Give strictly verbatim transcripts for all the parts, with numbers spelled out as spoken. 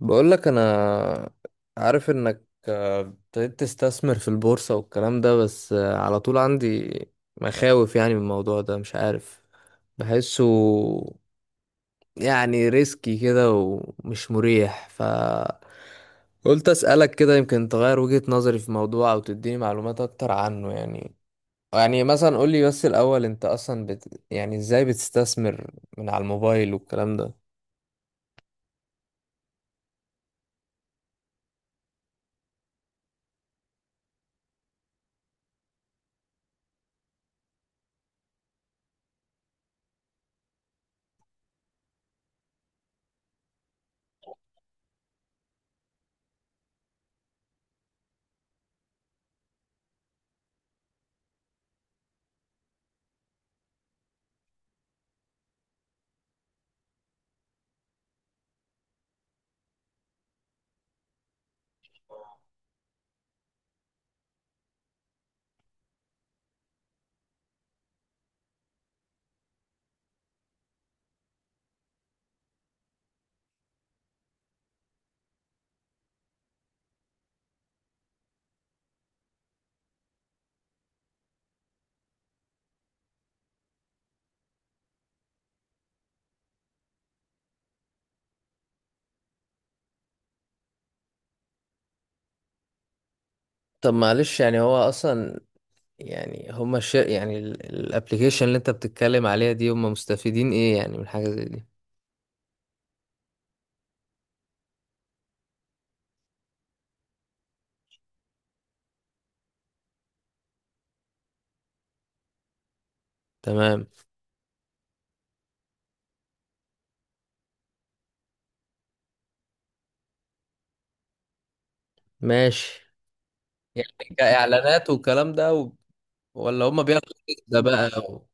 بقول لك انا عارف انك آه، ابتديت تستثمر في البورصة والكلام ده، بس آه، على طول عندي مخاوف، يعني من الموضوع ده. مش عارف بحسه، يعني ريسكي كده ومش مريح، ف قلت اسألك كده يمكن تغير وجهة نظري في موضوع او تديني معلومات اكتر عنه. يعني يعني مثلا قولي بس الاول، انت اصلا بت... يعني ازاي بتستثمر من على الموبايل والكلام ده؟ طب معلش يعني، هو اصلا يعني، هما الش... يعني الابلكيشن اللي انت بتتكلم عليها دي، هما مستفيدين ايه يعني من حاجة زي دي؟ تمام. ماشي. يعني كاعلانات والكلام ده، و... ولا هما بياخدوا ده بقى. و...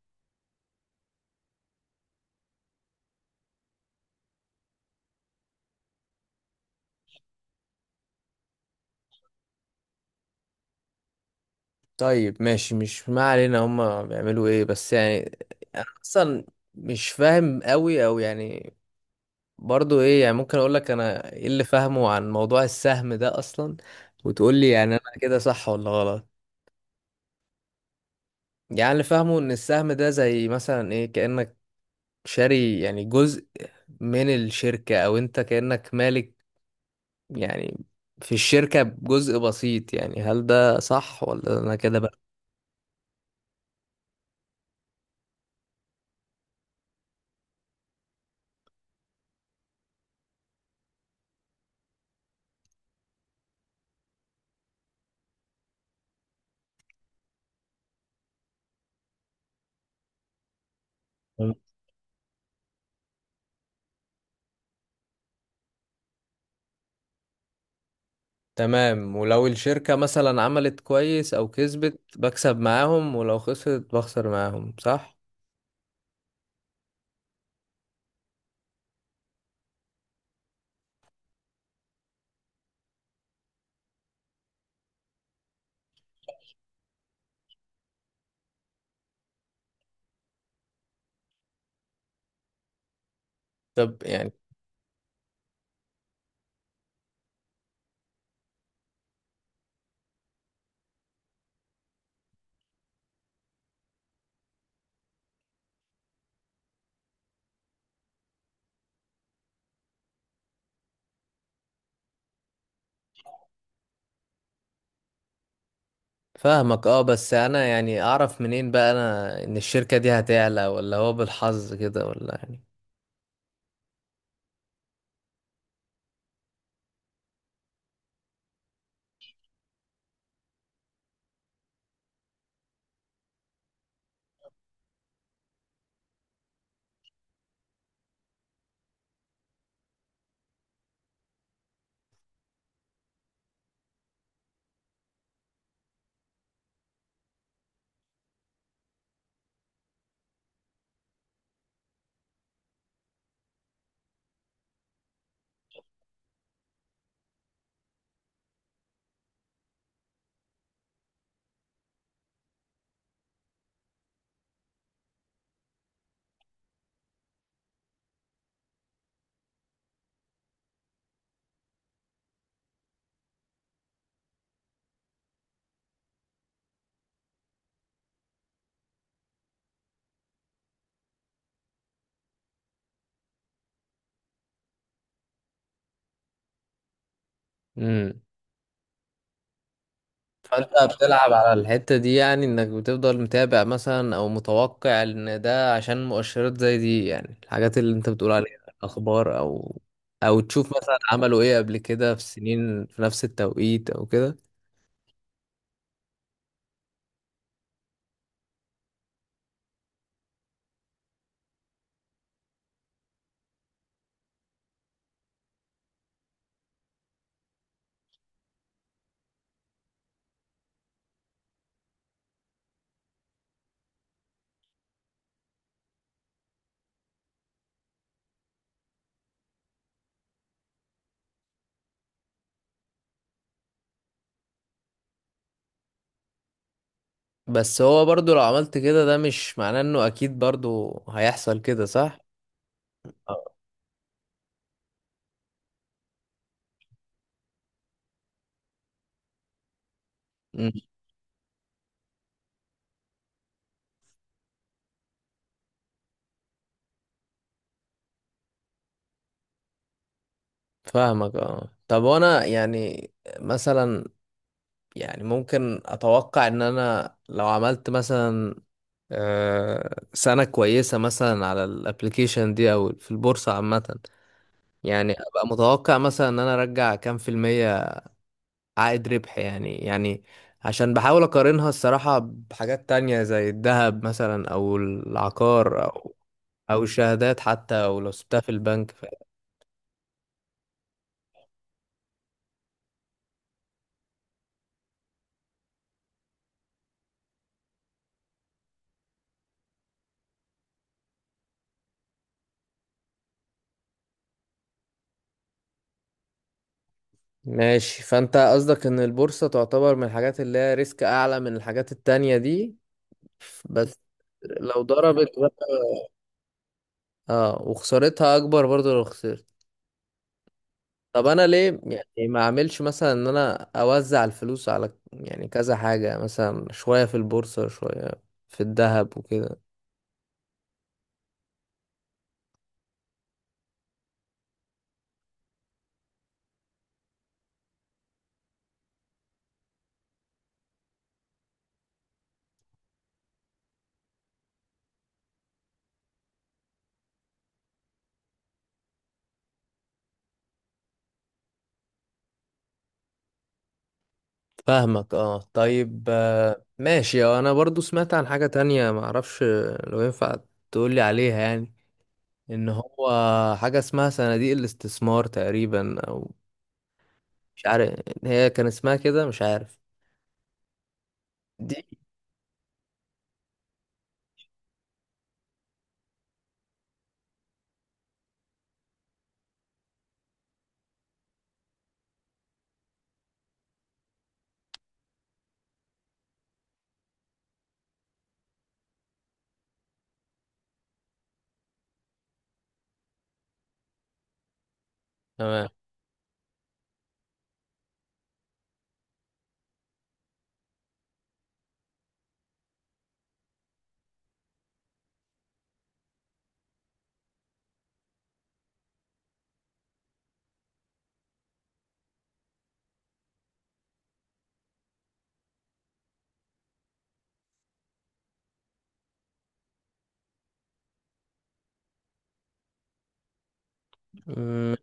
طيب ماشي، مش ما علينا، هما بيعملوا ايه بس يعني اصلا؟ مش فاهم قوي، او يعني برضو ايه. يعني ممكن اقول لك انا ايه اللي فاهمه عن موضوع السهم ده اصلا، وتقول لي يعني انا كده صح ولا غلط. يعني اللي فاهمه ان السهم ده زي مثلا ايه، كأنك شاري يعني جزء من الشركة، او انت كأنك مالك يعني في الشركة بجزء بسيط. يعني هل ده صح ولا انا كده بقى؟ تمام. ولو الشركة مثلا عملت كويس او كسبت، بكسب معاهم، ولو خسرت بخسر معاهم، صح؟ طب يعني، فاهمك اه. بس انا يعني اعرف منين بقى انا ان الشركة دي هتعلى، ولا هو بالحظ كده، ولا يعني؟ امم. فانت بتلعب على الحتة دي يعني، انك بتفضل متابع مثلا او متوقع ان ده عشان مؤشرات زي دي، يعني الحاجات اللي انت بتقول عليها. اخبار، او او تشوف مثلا عملوا ايه قبل كده في سنين في نفس التوقيت او كده؟ بس هو برضو لو عملت كده، ده مش معناه انه اكيد برضو هيحصل كده، صح؟ آه. أمم. فاهمك اه. طب وانا يعني مثلا، يعني ممكن اتوقع ان انا لو عملت مثلا آه، سنة كويسة مثلا على الابليكيشن دي او في البورصة عامة، يعني ابقى متوقع مثلا ان انا ارجع كام في المية عائد ربح يعني؟ يعني عشان بحاول اقارنها الصراحة بحاجات تانية زي الذهب مثلا، او العقار، او او الشهادات حتى، او لو سبتها في البنك. ف... ماشي. فانت قصدك ان البورصة تعتبر من الحاجات اللي هي ريسك اعلى من الحاجات التانية دي؟ بس لو ضربت بقى، اه وخسارتها اكبر برضو لو خسرت. طب انا ليه يعني ما اعملش مثلا ان انا اوزع الفلوس على يعني كذا حاجة، مثلا شوية في البورصة، شوية في الذهب وكده؟ فاهمك اه. طيب آه، ماشي. آه، انا برضو سمعت عن حاجة تانية ما اعرفش لو ينفع تقولي عليها يعني، ان هو حاجة اسمها صناديق الاستثمار تقريبا، او مش عارف هي كان اسمها كده، مش عارف. دي تمام. مم.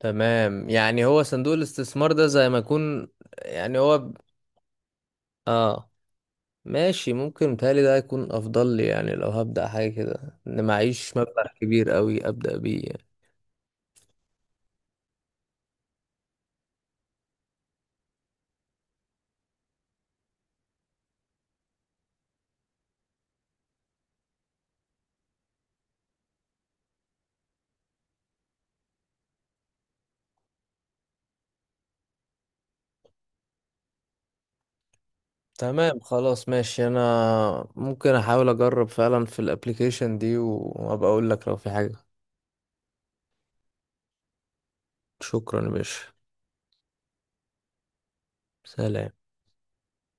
تمام، يعني هو صندوق الاستثمار ده زي ما يكون، يعني هو ب- اه ماشي. ممكن متهيألي ده هيكون أفضل لي يعني، لو هبدأ حاجة كده، إن معيش مبلغ كبير أوي أبدأ بيه يعني. تمام خلاص ماشي. أنا ممكن أحاول أجرب فعلا في الأبليكيشن دي، وأبقى أقول لك لو في حاجة. شكرا يا باشا. سلام.